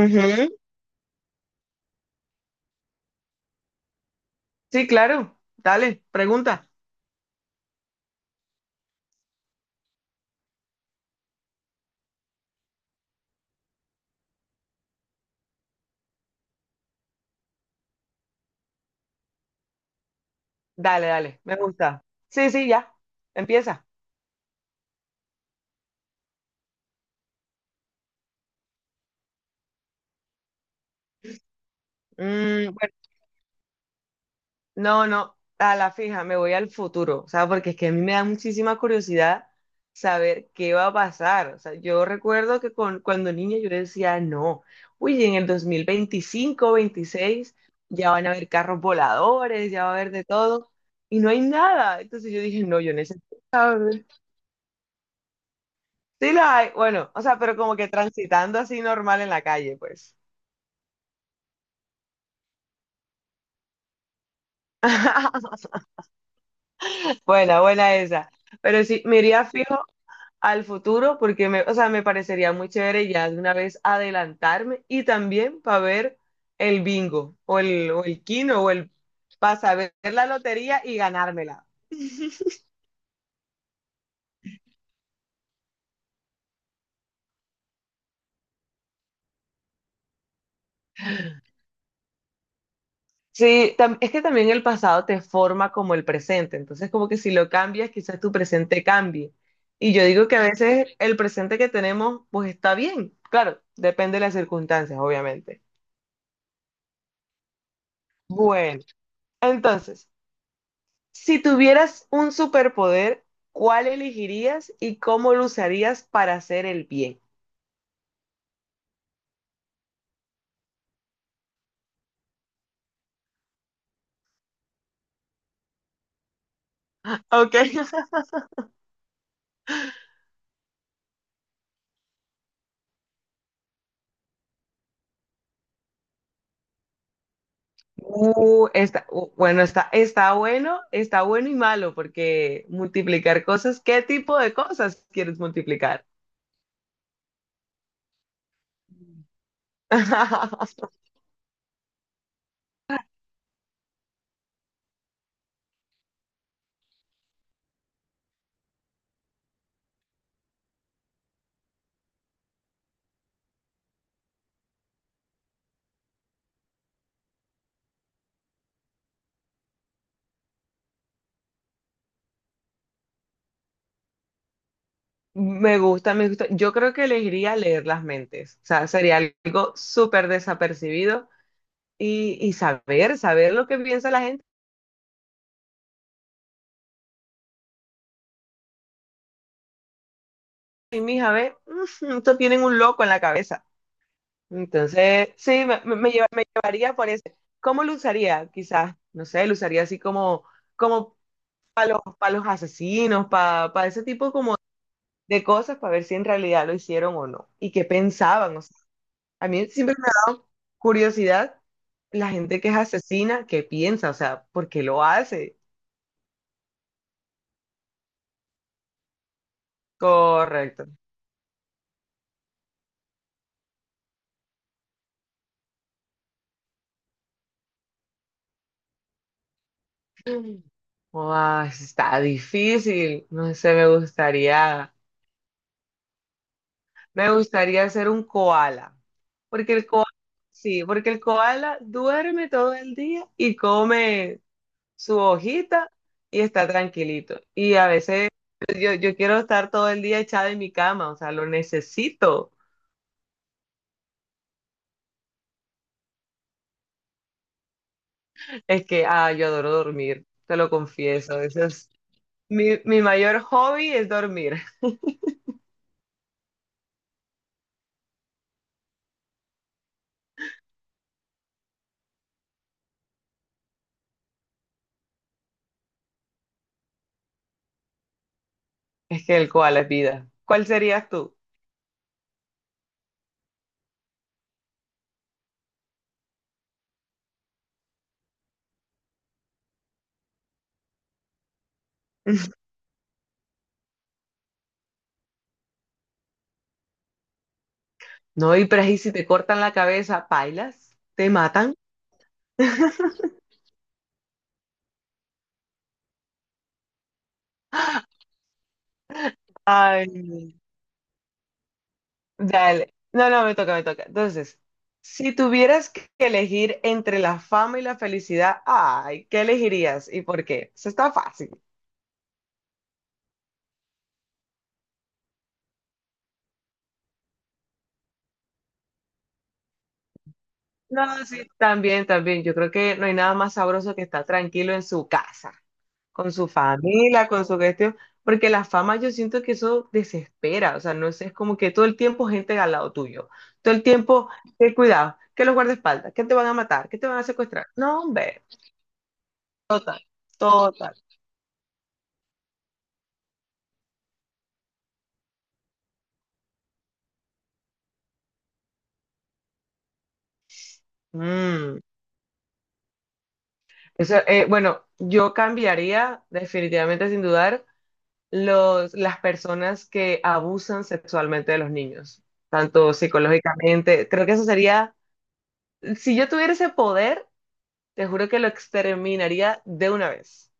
Ujú. Sí, claro. Dale, pregunta. Dale, dale, me gusta. Sí, sí, ya. Empieza. Bueno, no, no, a la fija, me voy al futuro, o sea, porque es que a mí me da muchísima curiosidad saber qué va a pasar. O sea, yo recuerdo que cuando niña yo decía, no, uy, en el 2025, 26, ya van a haber carros voladores, ya va a haber de todo, y no hay nada. Entonces yo dije, no, yo necesito saber. Sí la hay, bueno, o sea, pero como que transitando así normal en la calle, pues. Buena, buena esa. Pero sí, me iría fijo al futuro porque o sea, me parecería muy chévere ya de una vez adelantarme y también para ver el bingo o el quino para saber la lotería y ganármela. Sí, es que también el pasado te forma como el presente, entonces como que si lo cambias, quizás tu presente cambie. Y yo digo que a veces el presente que tenemos, pues está bien, claro, depende de las circunstancias, obviamente. Bueno, entonces, si tuvieras un superpoder, ¿cuál elegirías y cómo lo usarías para hacer el bien? Ok. Está, bueno, está bueno, está bueno y malo, porque multiplicar cosas, ¿qué tipo de cosas quieres multiplicar? Me gusta, me gusta. Yo creo que elegiría leer las mentes. O sea, sería algo súper desapercibido y saber lo que piensa la gente. Y mija, ve, estos tienen un loco en la cabeza. Entonces, sí, me llevaría por ese. ¿Cómo lo usaría? Quizás, no sé, lo usaría así como para pa' los asesinos, para ese tipo como de cosas, para ver si en realidad lo hicieron o no. Y qué pensaban, o A mí siempre me ha dado curiosidad la gente que es asesina, que piensa, o sea, ¿por qué lo hace? Correcto. Mm. Guau, está difícil. No sé, me gustaría ser un koala, porque el koala, sí, porque el koala duerme todo el día y come su hojita y está tranquilito. Y a veces yo quiero estar todo el día echada en mi cama, o sea, lo necesito. Es que, yo adoro dormir, te lo confieso. Ese es mi mayor hobby es dormir. Es que el cual es vida. ¿Cuál serías tú? No, y pero ahí si te cortan la cabeza, ¿pailas? ¿Te matan? Ay, dale. No, no, me toca, me toca. Entonces, si tuvieras que elegir entre la fama y la felicidad, ay, ¿qué elegirías y por qué? Eso está fácil. No, sí, también, también. Yo creo que no hay nada más sabroso que estar tranquilo en su casa, con su familia, con su gestión, porque la fama yo siento que eso desespera, o sea, no es, es como que todo el tiempo gente al lado tuyo, todo el tiempo, que cuidado, que los guardaespaldas, que te van a matar, que te van a secuestrar. No, hombre, total. Mm. Eso, bueno, yo cambiaría definitivamente sin dudar las personas que abusan sexualmente de los niños, tanto psicológicamente. Creo que eso sería, si yo tuviera ese poder, te juro que lo exterminaría de una vez.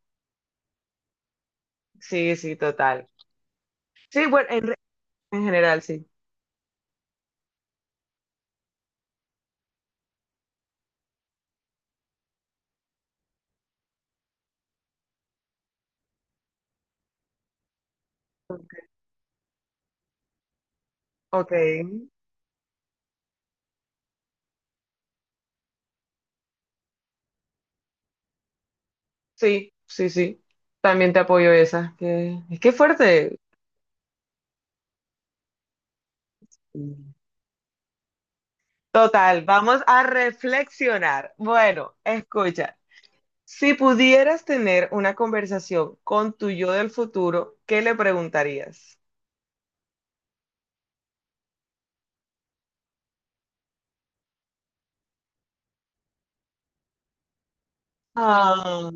Sí, sí, total. Sí, bueno, en general, sí. Ok, sí, sí, sí. También te apoyo esa. Es que fuerte. Total, vamos a reflexionar. Bueno, escucha. Si pudieras tener una conversación con tu yo del futuro, ¿qué le preguntarías? Ah,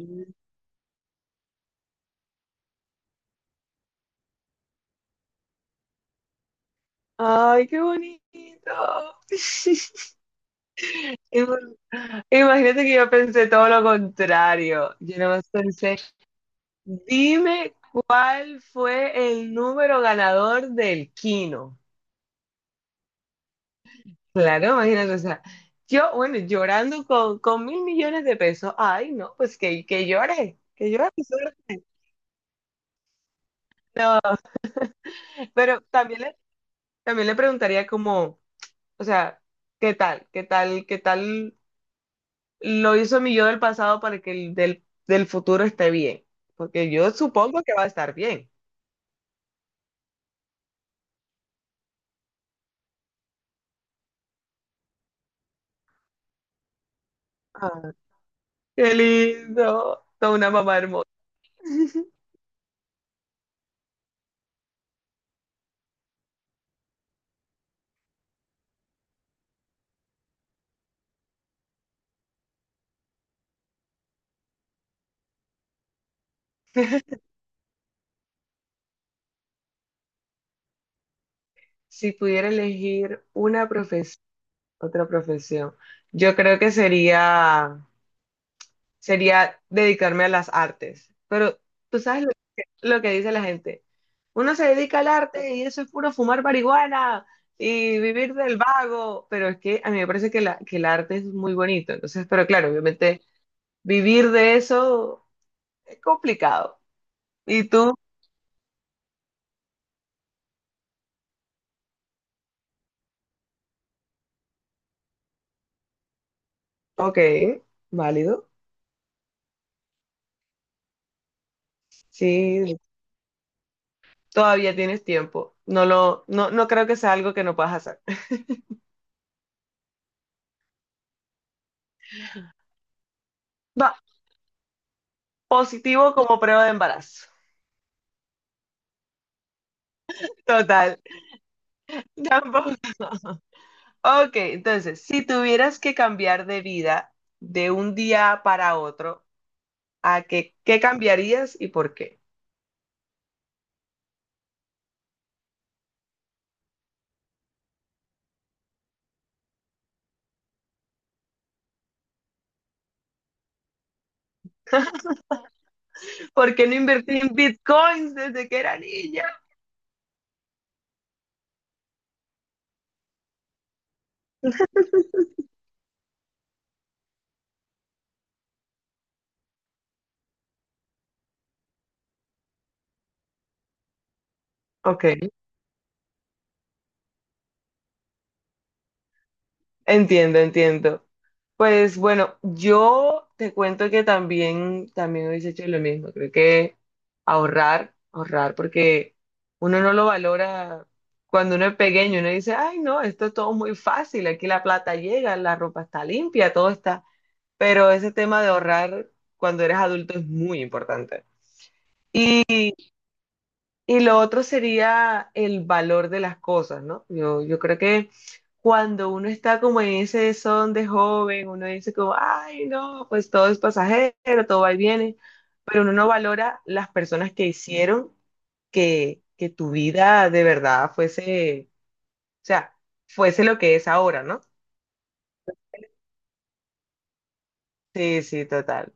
ay, qué bonito. Ima- Imagínate que yo pensé todo lo contrario. Yo nomás pensé, dime cuál fue el número ganador del Kino. Claro, imagínate, o sea, bueno, llorando con mil millones de pesos. Ay, no, pues que llore, que llore, que suerte. No, pero también le preguntaría como, o sea, ¿Qué tal lo hizo mi yo del pasado para que el del futuro esté bien? Porque yo supongo que va a estar bien. Ah, qué lindo. Toda una mamá hermosa. Si pudiera elegir otra profesión, yo creo que sería dedicarme a las artes. Pero tú sabes lo que dice la gente. Uno se dedica al arte y eso es puro fumar marihuana y vivir del vago. Pero es que a mí me parece que el arte es muy bonito. Entonces, pero claro, obviamente vivir de eso es complicado. Y tú, ok, válido. Sí, todavía tienes tiempo. No lo, no, no creo que sea algo que no puedas hacer. Va, positivo como prueba de embarazo. Total, tampoco. Ok, entonces, si tuvieras que cambiar de vida de un día para otro, qué cambiarías y por qué? ¿Por qué no invertí en bitcoins desde que era niña? Ok, entiendo, entiendo. Pues bueno, yo te cuento que también, también hubiese hecho lo mismo. Creo que ahorrar, ahorrar, porque uno no lo valora cuando uno es pequeño. Uno dice, ay, no, esto es todo muy fácil. Aquí la plata llega, la ropa está limpia, todo está. Pero ese tema de ahorrar cuando eres adulto es muy importante. Y lo otro sería el valor de las cosas, ¿no? Yo creo que cuando uno está como en ese son de joven, uno dice como, ay, no, pues todo es pasajero, todo va y viene, pero uno no valora las personas que hicieron que tu vida de verdad o sea, fuese lo que es ahora, ¿no? Sí, sí, total.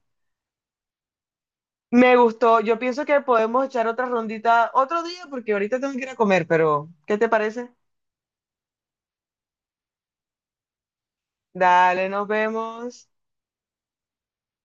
Me gustó. Yo pienso que podemos echar otra rondita otro día porque ahorita tengo que ir a comer, pero ¿qué te parece? Dale, nos vemos.